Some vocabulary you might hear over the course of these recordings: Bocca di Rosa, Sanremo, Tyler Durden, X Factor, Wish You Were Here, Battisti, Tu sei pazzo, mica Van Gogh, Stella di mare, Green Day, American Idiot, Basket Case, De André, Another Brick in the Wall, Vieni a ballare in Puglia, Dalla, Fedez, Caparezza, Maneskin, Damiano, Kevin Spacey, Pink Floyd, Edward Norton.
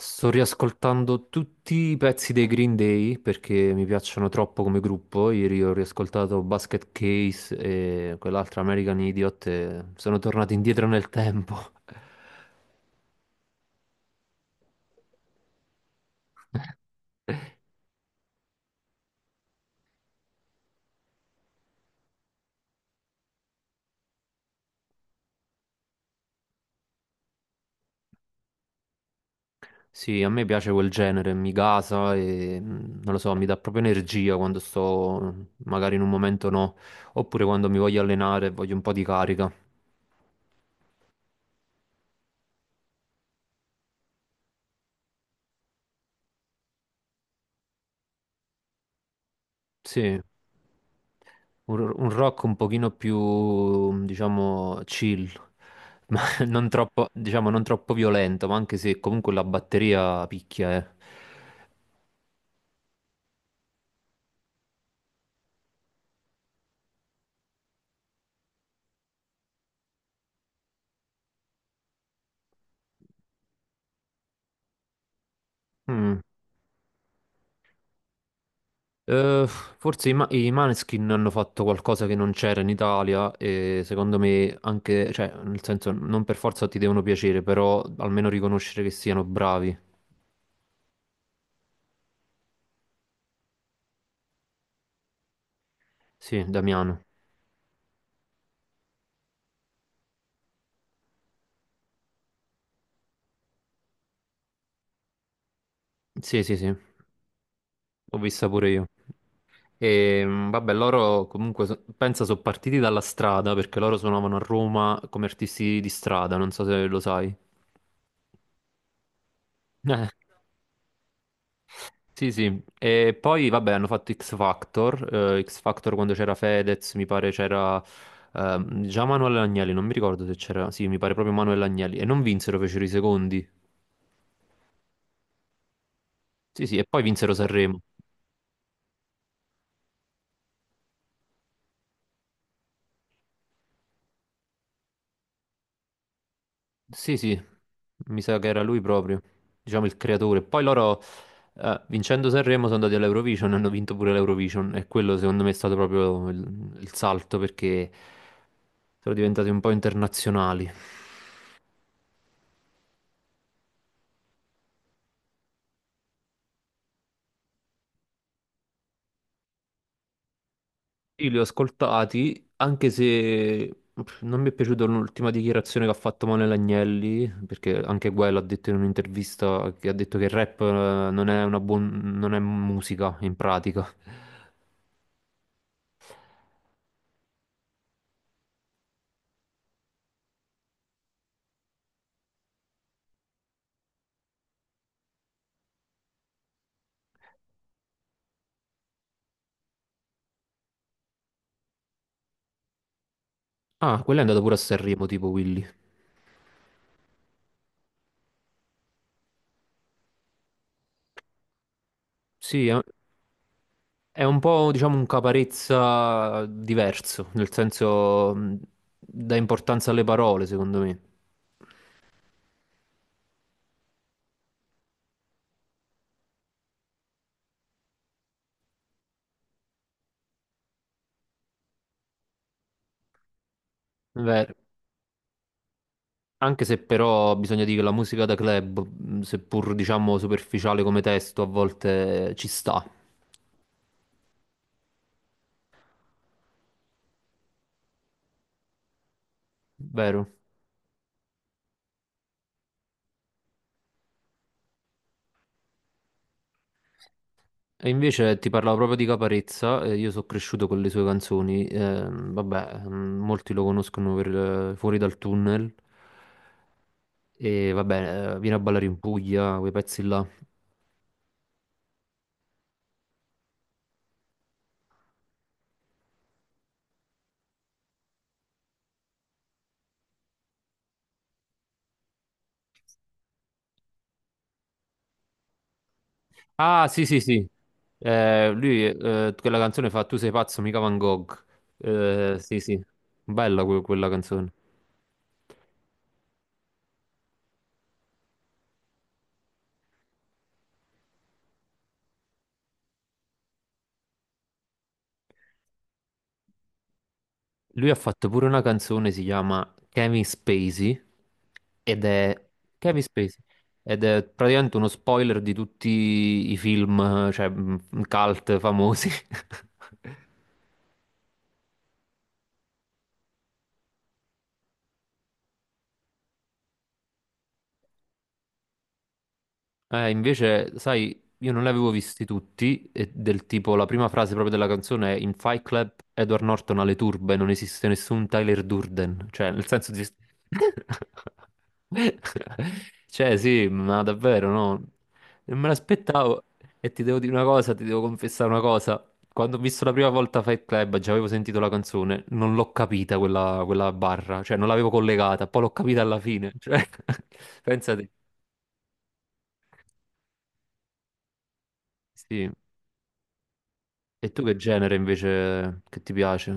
Sto riascoltando tutti i pezzi dei Green Day perché mi piacciono troppo come gruppo. Ieri ho riascoltato Basket Case e quell'altra American Idiot e sono tornato indietro nel tempo. Sì, a me piace quel genere, mi gasa e non lo so, mi dà proprio energia quando sto magari in un momento no, oppure quando mi voglio allenare e voglio un po' di carica. Sì. Un rock un pochino più, diciamo, chill, ma non troppo, diciamo, non troppo violento, ma anche se comunque la batteria picchia, eh. Mm. Forse i Maneskin hanno fatto qualcosa che non c'era in Italia e secondo me anche, cioè, nel senso, non per forza ti devono piacere, però almeno riconoscere che siano bravi. Sì, Damiano. Sì, sì, sì, l'ho vista pure io. E vabbè, loro comunque pensa sono partiti dalla strada perché loro suonavano a Roma come artisti di strada, non so se lo sai. Eh, sì, sì. E poi vabbè, hanno fatto X Factor quando c'era Fedez, mi pare c'era già Manuel Agnelli, non mi ricordo se c'era, sì, mi pare proprio Manuel Agnelli e non vinsero, fecero i secondi. Sì, sì, e poi vinsero Sanremo. Sì, sì, mi sa che era lui proprio, diciamo il creatore. Poi loro, vincendo Sanremo, sono andati all'Eurovision, hanno vinto pure l'Eurovision e quello secondo me è stato proprio il salto perché sono diventati un po' internazionali. Io li ho ascoltati, anche se non mi è piaciuta l'ultima dichiarazione che ha fatto Manuel Agnelli, perché anche quello ha detto in un'intervista che ha detto che il rap non è musica in pratica. Ah, quello è andato pure a Sanremo, tipo Willy. Sì, eh. È un po', diciamo, un caparezza diverso, nel senso dà importanza alle parole, secondo me. Beh, anche se però bisogna dire che la musica da club, seppur diciamo superficiale come testo, a volte ci sta, vero? E invece ti parlavo proprio di Caparezza, io sono cresciuto con le sue canzoni, vabbè, molti lo conoscono per Fuori dal tunnel, e vabbè, Vieni a ballare in Puglia, quei pezzi là. Ah, sì, sì, sì. Lui, quella canzone fa Tu sei pazzo, mica Van Gogh. Sì, sì. Bella quella canzone. Lui ha fatto pure una canzone, si chiama ed è... Kevin Spacey. Ed è praticamente uno spoiler di tutti i film, cioè, cult famosi. Invece, sai, io non li avevo visti tutti, e del tipo la prima frase proprio della canzone è In Fight Club Edward Norton alle turbe, non esiste nessun Tyler Durden, cioè nel senso di. Cioè sì, ma davvero no, non me l'aspettavo e ti devo dire una cosa, ti devo confessare una cosa, quando ho visto la prima volta Fight Club, già avevo sentito la canzone, non l'ho capita quella barra, cioè non l'avevo collegata, poi l'ho capita alla fine, cioè, pensate, sì. E tu che genere invece che ti piace?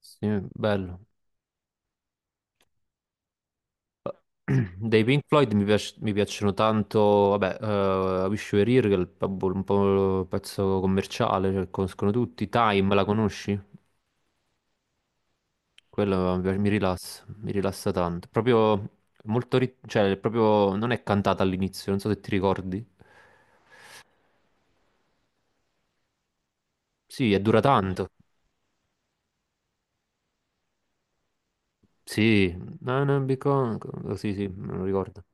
Sì, bello. Dei Pink Floyd mi piacciono tanto, vabbè, Wish You Were Here, che è vabbè, un po' il pezzo commerciale, cioè, conoscono tutti. Time, la conosci? Quello mi rilassa tanto. Proprio molto, cioè, proprio non è cantata all'inizio, non so se ti ricordi. Sì, e dura tanto. Sì, no, no, because, sì, sì, me lo ricordo.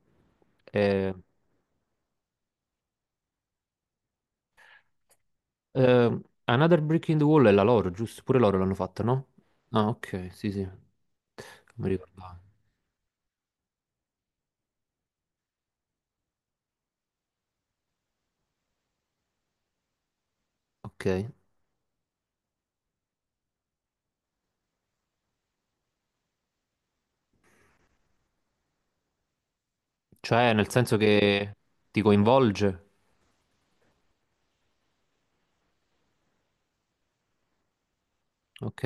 Eh, Eh, Another Brick in the Wall è la loro, giusto? Pure loro l'hanno fatta, no? Ah, ok, sì, sì. Non mi ricordavo. Ok. Cioè, nel senso che ti coinvolge? Ok,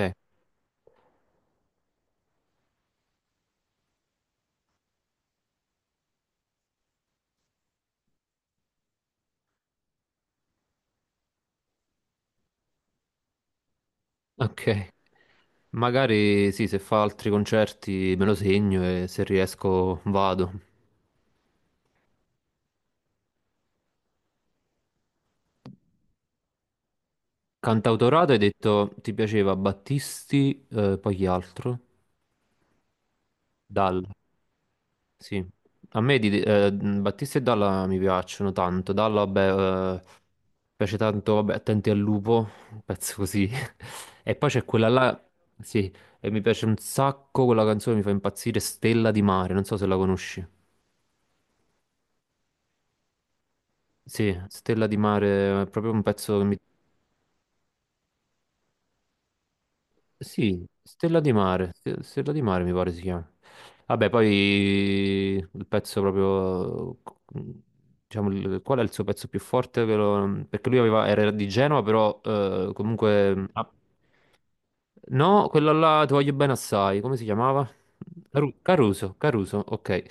ok. Magari sì, se fa altri concerti me lo segno e se riesco vado. Cantautorato hai detto ti piaceva Battisti, poi chi altro? Dal. Sì, a me di, Battista e Dalla mi piacciono tanto. Dalla, vabbè, piace tanto, vabbè, Attenti al lupo, un pezzo così. E poi c'è quella là, sì, e mi piace un sacco, quella canzone mi fa impazzire, Stella di mare, non so se la conosci. Sì, Stella di mare, è proprio un pezzo che mi Sì, Stella di Mare, Ste- Stella di Mare mi pare si chiama. Vabbè, poi il pezzo proprio, diciamo, qual è il suo pezzo più forte? Perché lui era di Genova, però comunque, ah, no, quello là, Ti voglio bene assai, come si chiamava? Caruso, ok.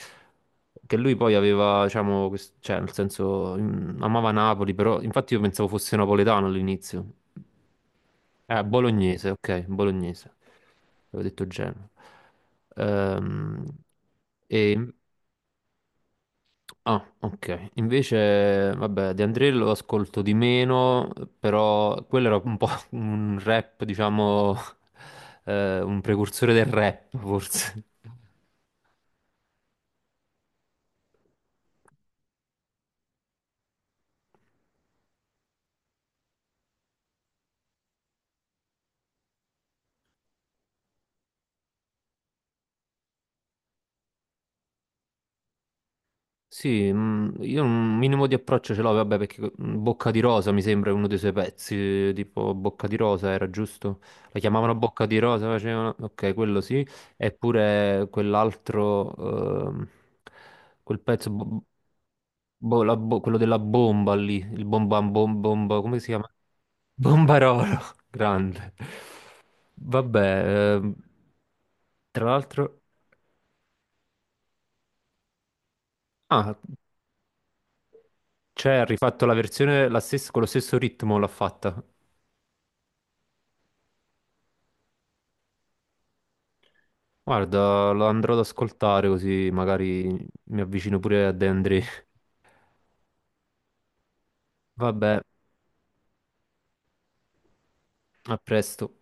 Che lui poi aveva, diciamo, cioè, nel senso, amava Napoli, però infatti io pensavo fosse napoletano all'inizio. Ah, bolognese, ok, bolognese. Avevo detto Genova. Ehm, e... Ah, ok. Invece, vabbè, De André lo ascolto di meno, però quello era un po' un rap, diciamo, un precursore del rap, forse. Sì, io un minimo di approccio ce l'ho, vabbè, perché Bocca di Rosa mi sembra uno dei suoi pezzi, tipo Bocca di Rosa era giusto? La chiamavano Bocca di Rosa, facevano. Ok, quello sì, eppure quell'altro, ehm, quel pezzo, boh, quello della bomba lì, il bomba, bomba, come si chiama? Bombarolo, grande. Vabbè, tra l'altro. Ah, cioè, ha rifatto la versione con lo stesso ritmo l'ha fatta. Guarda, lo andrò ad ascoltare così magari mi avvicino pure a De André. Vabbè, a presto.